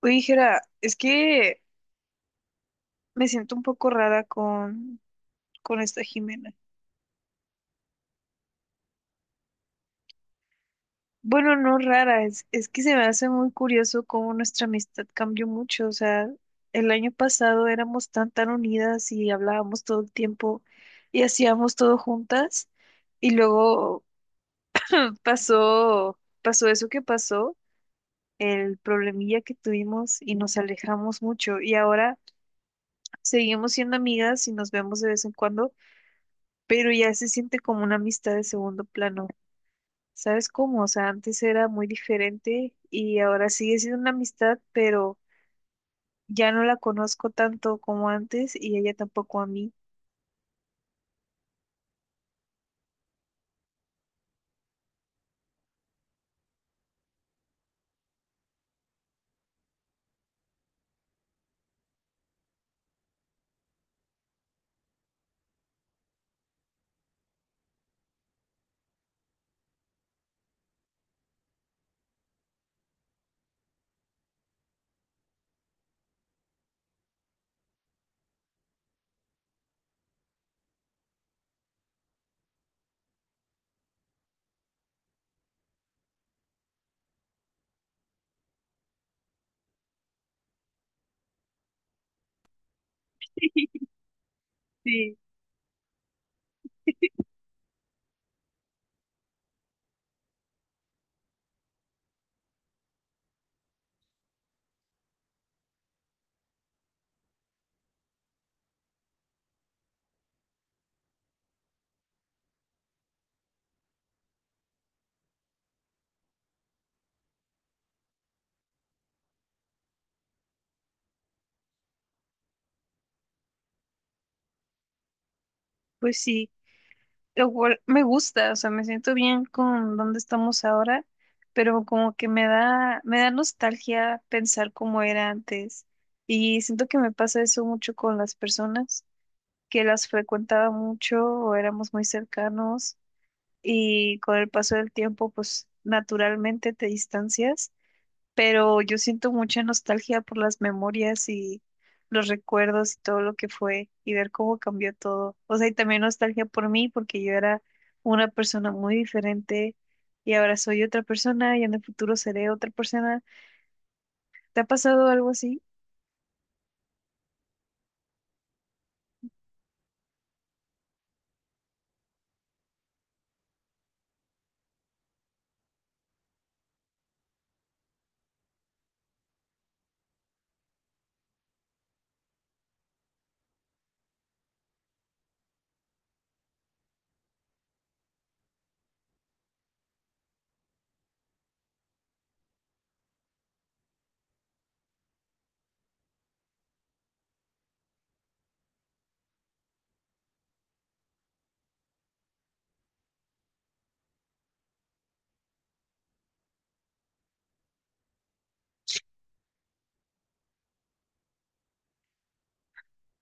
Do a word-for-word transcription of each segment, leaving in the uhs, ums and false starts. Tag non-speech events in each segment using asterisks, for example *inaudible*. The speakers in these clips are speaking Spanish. Oye, Jera, es que me siento un poco rara con, con esta Jimena. Bueno, no rara, es, es que se me hace muy curioso cómo nuestra amistad cambió mucho. O sea, el año pasado éramos tan, tan unidas y hablábamos todo el tiempo y hacíamos todo juntas. Y luego pasó, pasó eso que pasó, el problemilla que tuvimos y nos alejamos mucho. Y ahora seguimos siendo amigas y nos vemos de vez en cuando pero ya se siente como una amistad de segundo plano. ¿Sabes cómo? O sea, antes era muy diferente y ahora sigue siendo una amistad, pero ya no la conozco tanto como antes y ella tampoco a mí. Sí. Pues sí, igual me gusta, o sea, me siento bien con donde estamos ahora, pero como que me da, me da nostalgia pensar cómo era antes. Y siento que me pasa eso mucho con las personas que las frecuentaba mucho o éramos muy cercanos y con el paso del tiempo, pues naturalmente te distancias, pero yo siento mucha nostalgia por las memorias y los recuerdos y todo lo que fue y ver cómo cambió todo. O sea, y también nostalgia por mí porque yo era una persona muy diferente y ahora soy otra persona y en el futuro seré otra persona. ¿Te ha pasado algo así?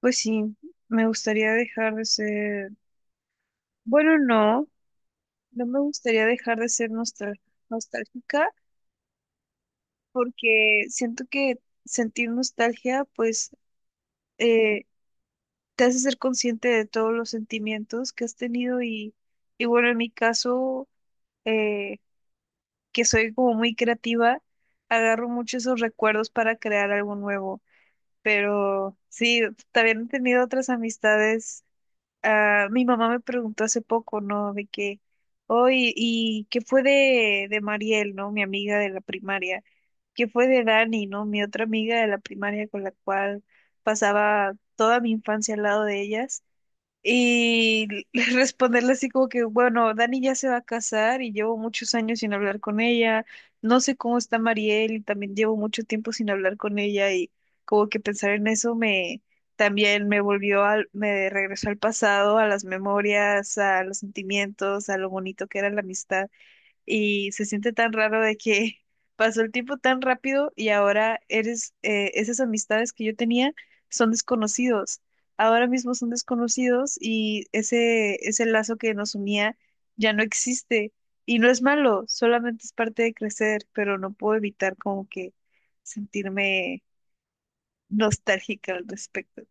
Pues sí, me gustaría dejar de ser, bueno, no, no me gustaría dejar de ser nostal- nostálgica porque siento que sentir nostalgia, pues, eh, te hace ser consciente de todos los sentimientos que has tenido y, y bueno, en mi caso, eh, que soy como muy creativa, agarro mucho esos recuerdos para crear algo nuevo, pero sí, también he tenido otras amistades. Ah, mi mamá me preguntó hace poco, ¿no? De que, hoy, ¿y qué fue de, de Mariel, ¿no? Mi amiga de la primaria. ¿Qué fue de Dani, ¿no? Mi otra amiga de la primaria con la cual pasaba toda mi infancia al lado de ellas. Y *laughs* responderle así como que, bueno, Dani ya se va a casar y llevo muchos años sin hablar con ella. No sé cómo está Mariel y también llevo mucho tiempo sin hablar con ella y como que pensar en eso me también me volvió al, me regresó al pasado, a las memorias, a los sentimientos, a lo bonito que era la amistad y se siente tan raro de que *laughs* pasó el tiempo tan rápido y ahora eres, eh, esas amistades que yo tenía son desconocidos. Ahora mismo son desconocidos y ese, ese lazo que nos unía ya no existe. Y no es malo, solamente es parte de crecer, pero no puedo evitar como que sentirme nostálgica al respecto.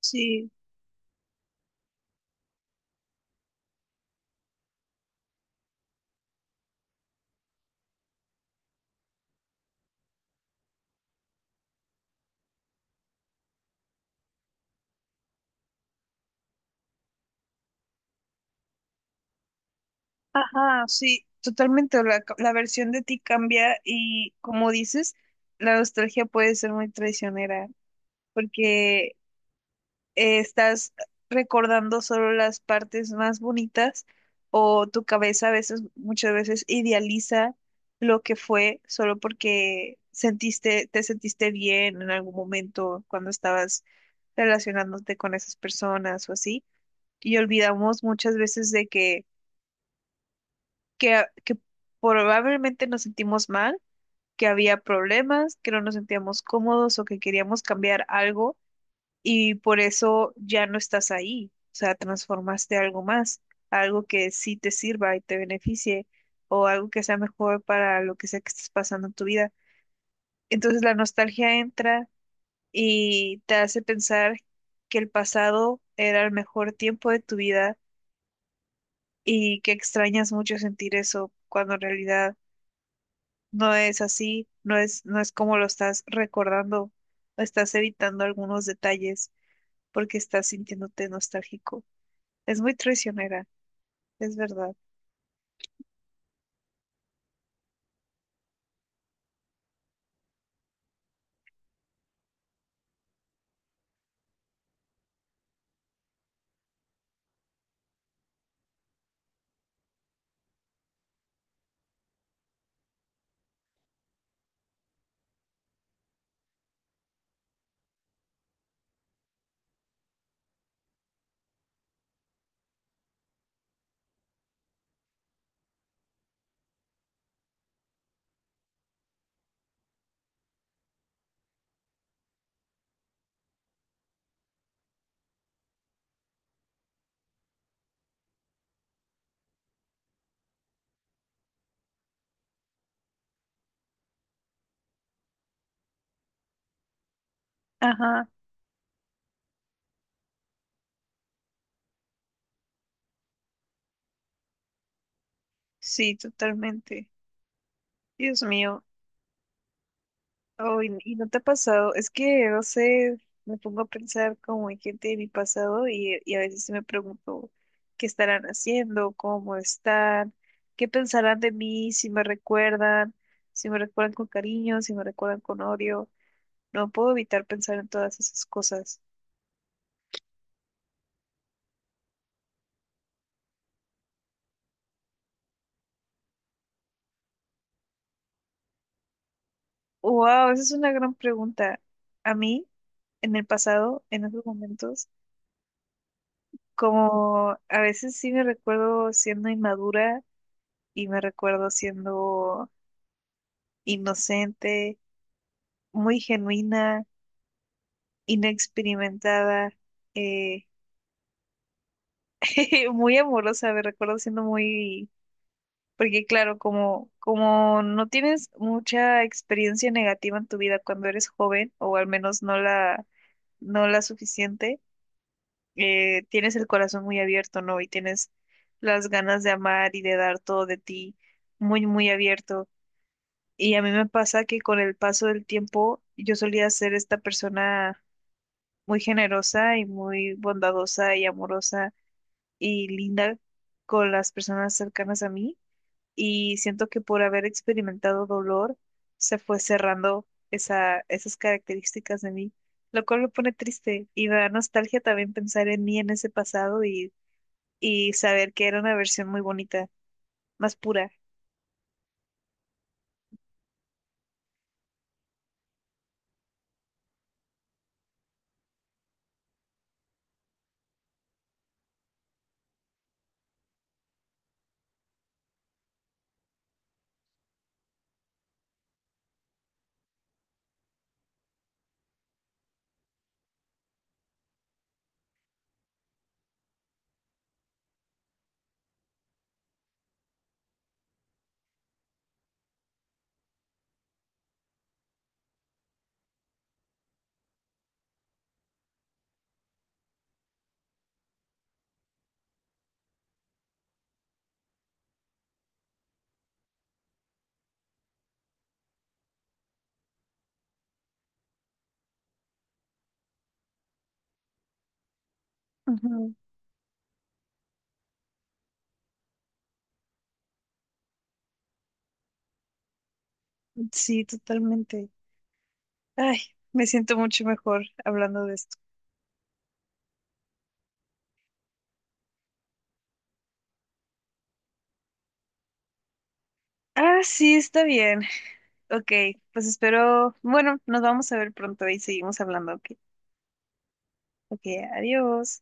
Sí. Ajá, sí, totalmente. La, la versión de ti cambia y como dices, la nostalgia puede ser muy traicionera porque eh, estás recordando solo las partes más bonitas o tu cabeza a veces, muchas veces idealiza lo que fue solo porque sentiste, te sentiste bien en algún momento cuando estabas relacionándote con esas personas o así. Y olvidamos muchas veces de que que, a- que probablemente nos sentimos mal, que había problemas, que no nos sentíamos cómodos o que queríamos cambiar algo y por eso ya no estás ahí. O sea, transformaste algo más, algo que sí te sirva y te beneficie o algo que sea mejor para lo que sea que estés pasando en tu vida. Entonces la nostalgia entra y te hace pensar que el pasado era el mejor tiempo de tu vida y que extrañas mucho sentir eso cuando en realidad no es así, no es, no es como lo estás recordando, estás evitando algunos detalles porque estás sintiéndote nostálgico. Es muy traicionera, es verdad. Ajá, sí, totalmente. Dios mío, oh, y, y no te ha pasado, es que no sé, me pongo a pensar como en gente de mi pasado y, y a veces sí me pregunto qué estarán haciendo, cómo están, qué pensarán de mí, si me recuerdan, si me recuerdan con cariño, si me recuerdan con odio. No puedo evitar pensar en todas esas cosas. Wow, esa es una gran pregunta. A mí, en el pasado, en esos momentos, como a veces sí me recuerdo siendo inmadura y me recuerdo siendo inocente, muy genuina, inexperimentada, eh, *laughs* muy amorosa, me recuerdo siendo muy. Porque claro, como, como no tienes mucha experiencia negativa en tu vida cuando eres joven, o al menos no la no la suficiente, eh, tienes el corazón muy abierto, ¿no? Y tienes las ganas de amar y de dar todo de ti muy, muy abierto. Y a mí me pasa que con el paso del tiempo yo solía ser esta persona muy generosa y muy bondadosa y amorosa y linda con las personas cercanas a mí y siento que por haber experimentado dolor se fue cerrando esa, esas características de mí, lo cual me pone triste y me da nostalgia también pensar en mí en ese pasado y, y saber que era una versión muy bonita, más pura. Ujú. Sí, totalmente. Ay, me siento mucho mejor hablando de esto. Ah, sí, está bien. Ok, pues espero, bueno, nos vamos a ver pronto y seguimos hablando. Ok, ok, adiós.